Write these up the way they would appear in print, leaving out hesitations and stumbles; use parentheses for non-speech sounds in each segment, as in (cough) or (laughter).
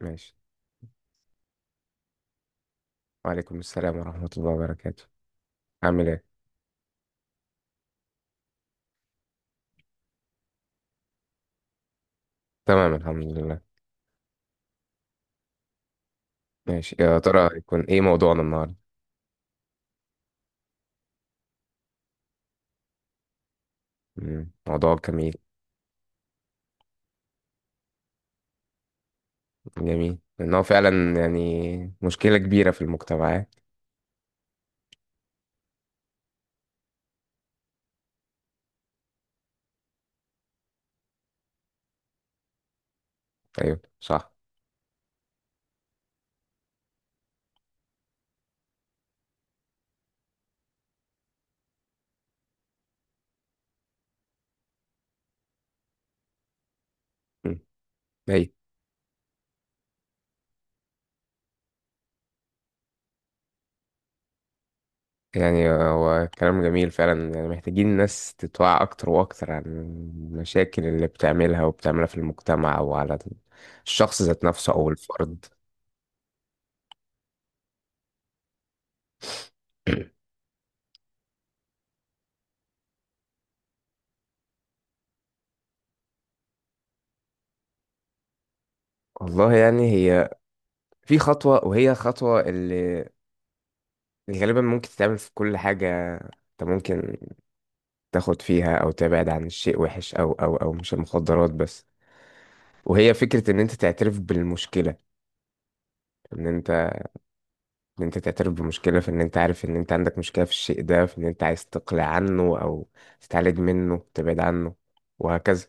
ماشي. وعليكم السلام ورحمة الله وبركاته. عامل ايه؟ تمام الحمد لله. ماشي، يا ترى يكون ايه موضوعنا النهاردة؟ موضوع جميل. جميل لأنه فعلا يعني مشكلة كبيرة في المجتمعات. أيوه صح. مم. أي. يعني هو كلام جميل فعلا، يعني محتاجين الناس تتوعى أكتر وأكتر عن المشاكل اللي بتعملها وبتعملها في المجتمع وعلى الشخص ذات نفسه أو الفرد. (clears throat) والله يعني هي في خطوة، وهي خطوة اللي يعني غالبا ممكن تتعمل في كل حاجة. انت ممكن تاخد فيها او تبعد عن الشيء وحش، او مش المخدرات بس. وهي فكرة ان انت تعترف بالمشكلة، ان انت ان انت تعترف بمشكلة، في ان انت عارف ان انت عندك مشكلة في الشيء ده، في ان انت عايز تقلع عنه او تتعالج منه، تبعد عنه وهكذا.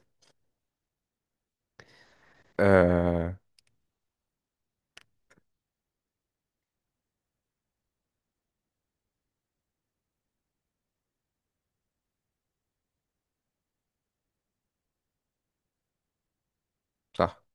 آه صح.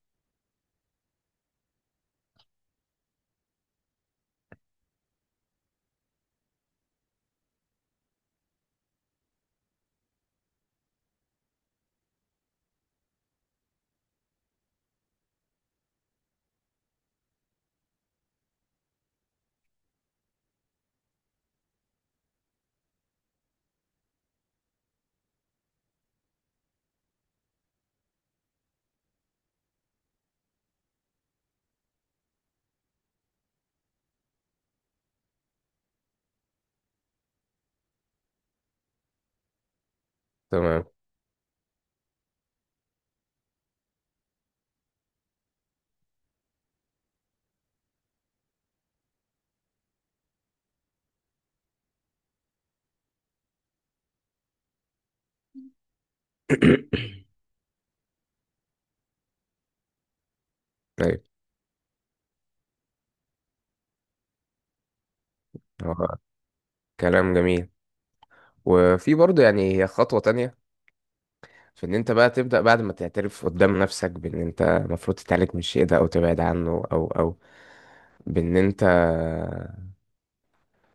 تمام. (coughs) (clears throat) ايوه، هو كلام جميل. وفي برضه يعني هي خطوة تانية، فان انت بقى تبدأ بعد ما تعترف قدام نفسك بان انت المفروض تتعالج من الشيء ده او تبعد عنه او بان انت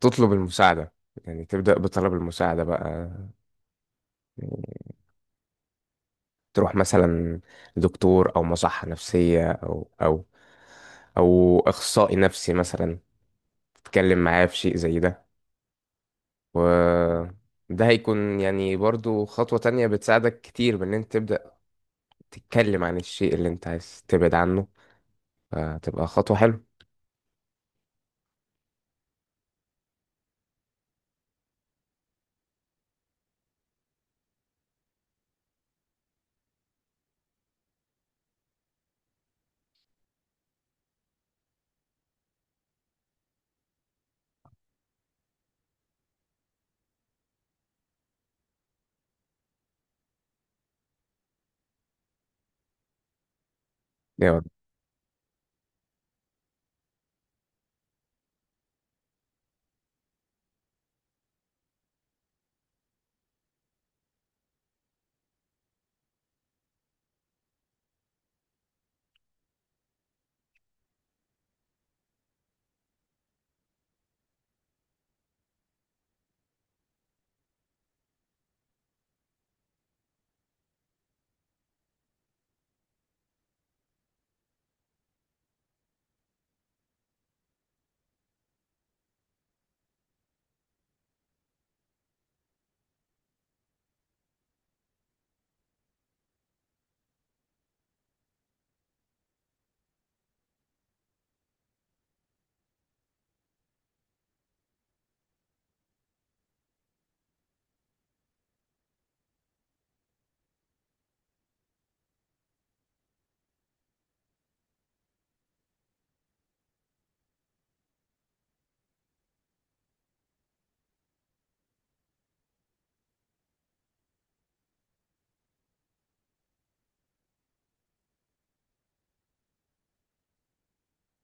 تطلب المساعدة. يعني تبدأ بطلب المساعدة بقى يعني. تروح مثلا لدكتور او مصحة نفسية او او اخصائي نفسي مثلا، تتكلم معاه في شيء زي ده. و ده هيكون يعني برضو خطوة تانية بتساعدك كتير بان انت تبدأ تتكلم عن الشيء اللي انت عايز تبعد عنه، فتبقى خطوة حلوة. جامد.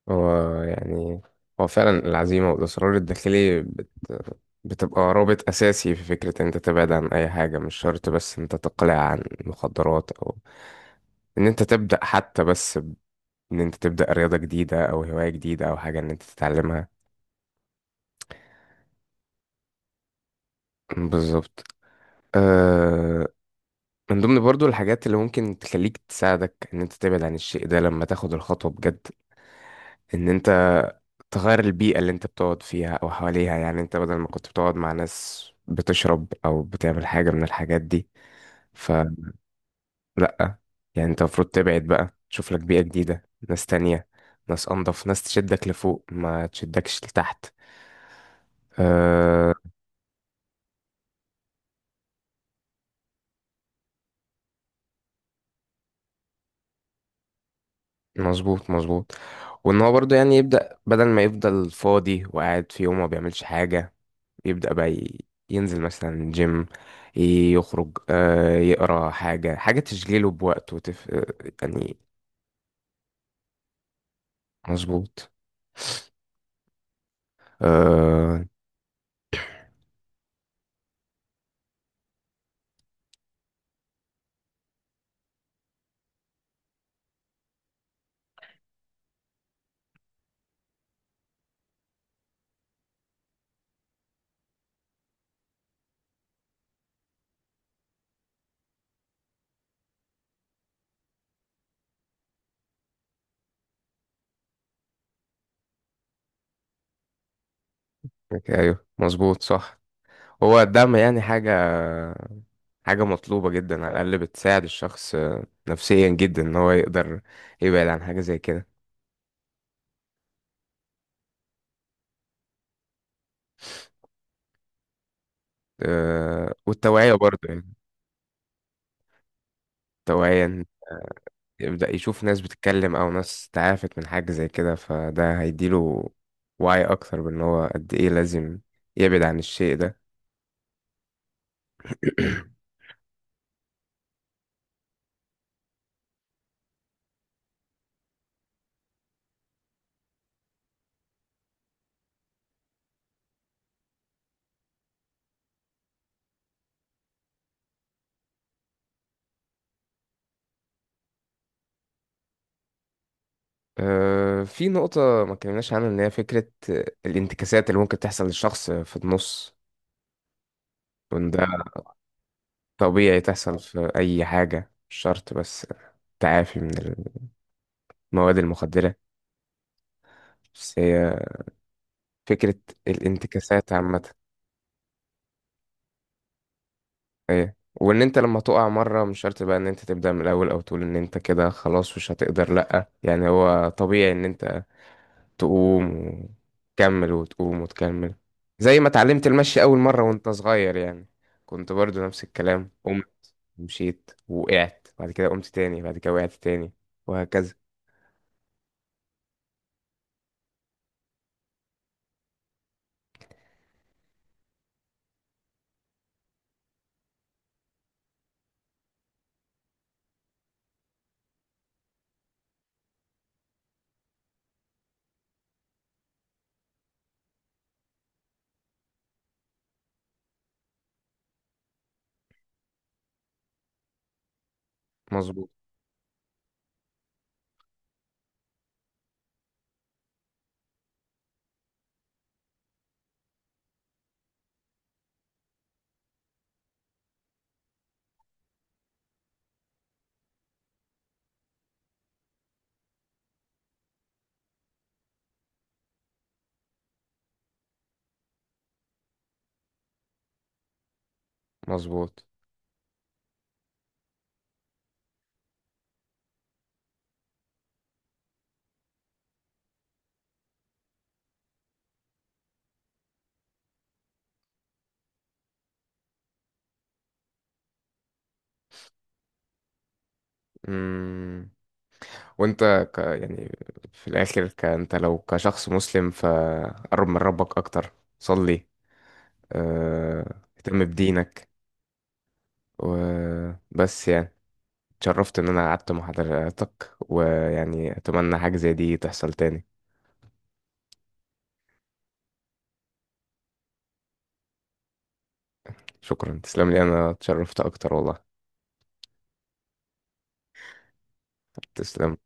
هو يعني، هو فعلا العزيمة والإصرار الداخلي بتبقى رابط أساسي في فكرة إن أنت تبعد عن أي حاجة، مش شرط بس إن أنت تقلع عن مخدرات أو إن أنت تبدأ حتى بس إن أنت تبدأ رياضة جديدة أو هواية جديدة أو حاجة إن أنت تتعلمها. بالظبط. أه... من ضمن برضو الحاجات اللي ممكن تخليك تساعدك إن أنت تبعد عن الشيء ده لما تاخد الخطوة بجد، ان انت تغير البيئة اللي انت بتقعد فيها او حواليها. يعني انت بدل ما كنت بتقعد مع ناس بتشرب او بتعمل حاجة من الحاجات دي، فلا، يعني انت المفروض تبعد بقى، تشوف لك بيئة جديدة، ناس تانية، ناس انضف، ناس تشدك لفوق ما تشدكش لتحت. أه. مظبوط. وان هو برضه يعني يبدأ بدل ما يفضل فاضي وقاعد في يوم ما بيعملش حاجة، يبدأ بقى ينزل مثلا جيم، يخرج، آه، يقرا حاجة، حاجة تشغله بوقته يعني. مظبوط. آه... أيوه مظبوط صح. هو الدعم يعني حاجة، حاجة مطلوبة جدا، على الأقل بتساعد الشخص آه، نفسيا جدا إن هو يقدر يبعد عن حاجة زي كده. والتوعية برضه يعني، التوعية، يبدأ يشوف ناس بتتكلم أو ناس تعافت من حاجة زي كده، فده هيديله وعي أكتر بأن هو قد إيه لازم يبعد عن الشيء ده. (clears throat) آه، في نقطة ما اتكلمناش عنها، إن هي فكرة الانتكاسات اللي ممكن تحصل للشخص في النص، وإن ده طبيعي تحصل في أي حاجة، مش شرط بس تعافي من المواد المخدرة، بس هي فكرة الانتكاسات عامة. ايه، وان انت لما تقع مره مش شرط بقى ان انت تبدا من الاول، او تقول ان انت كده خلاص مش هتقدر، لا، يعني هو طبيعي ان انت تقوم وتكمل، وتقوم وتكمل، زي ما اتعلمت المشي اول مره وانت صغير يعني. كنت برضو نفس الكلام، قمت مشيت، وقعت، بعد كده قمت تاني، بعد كده وقعت تاني، وهكذا. مظبوط مظبوط. امم وانت يعني في الاخر انت لو كشخص مسلم فقرب من ربك اكتر، صلي، آه، اهتم بدينك. وبس يعني، اتشرفت ان انا قعدت مع حضرتك، ويعني اتمنى حاجة زي دي تحصل تاني. شكرا. تسلم لي، انا اتشرفت اكتر والله. تسلم.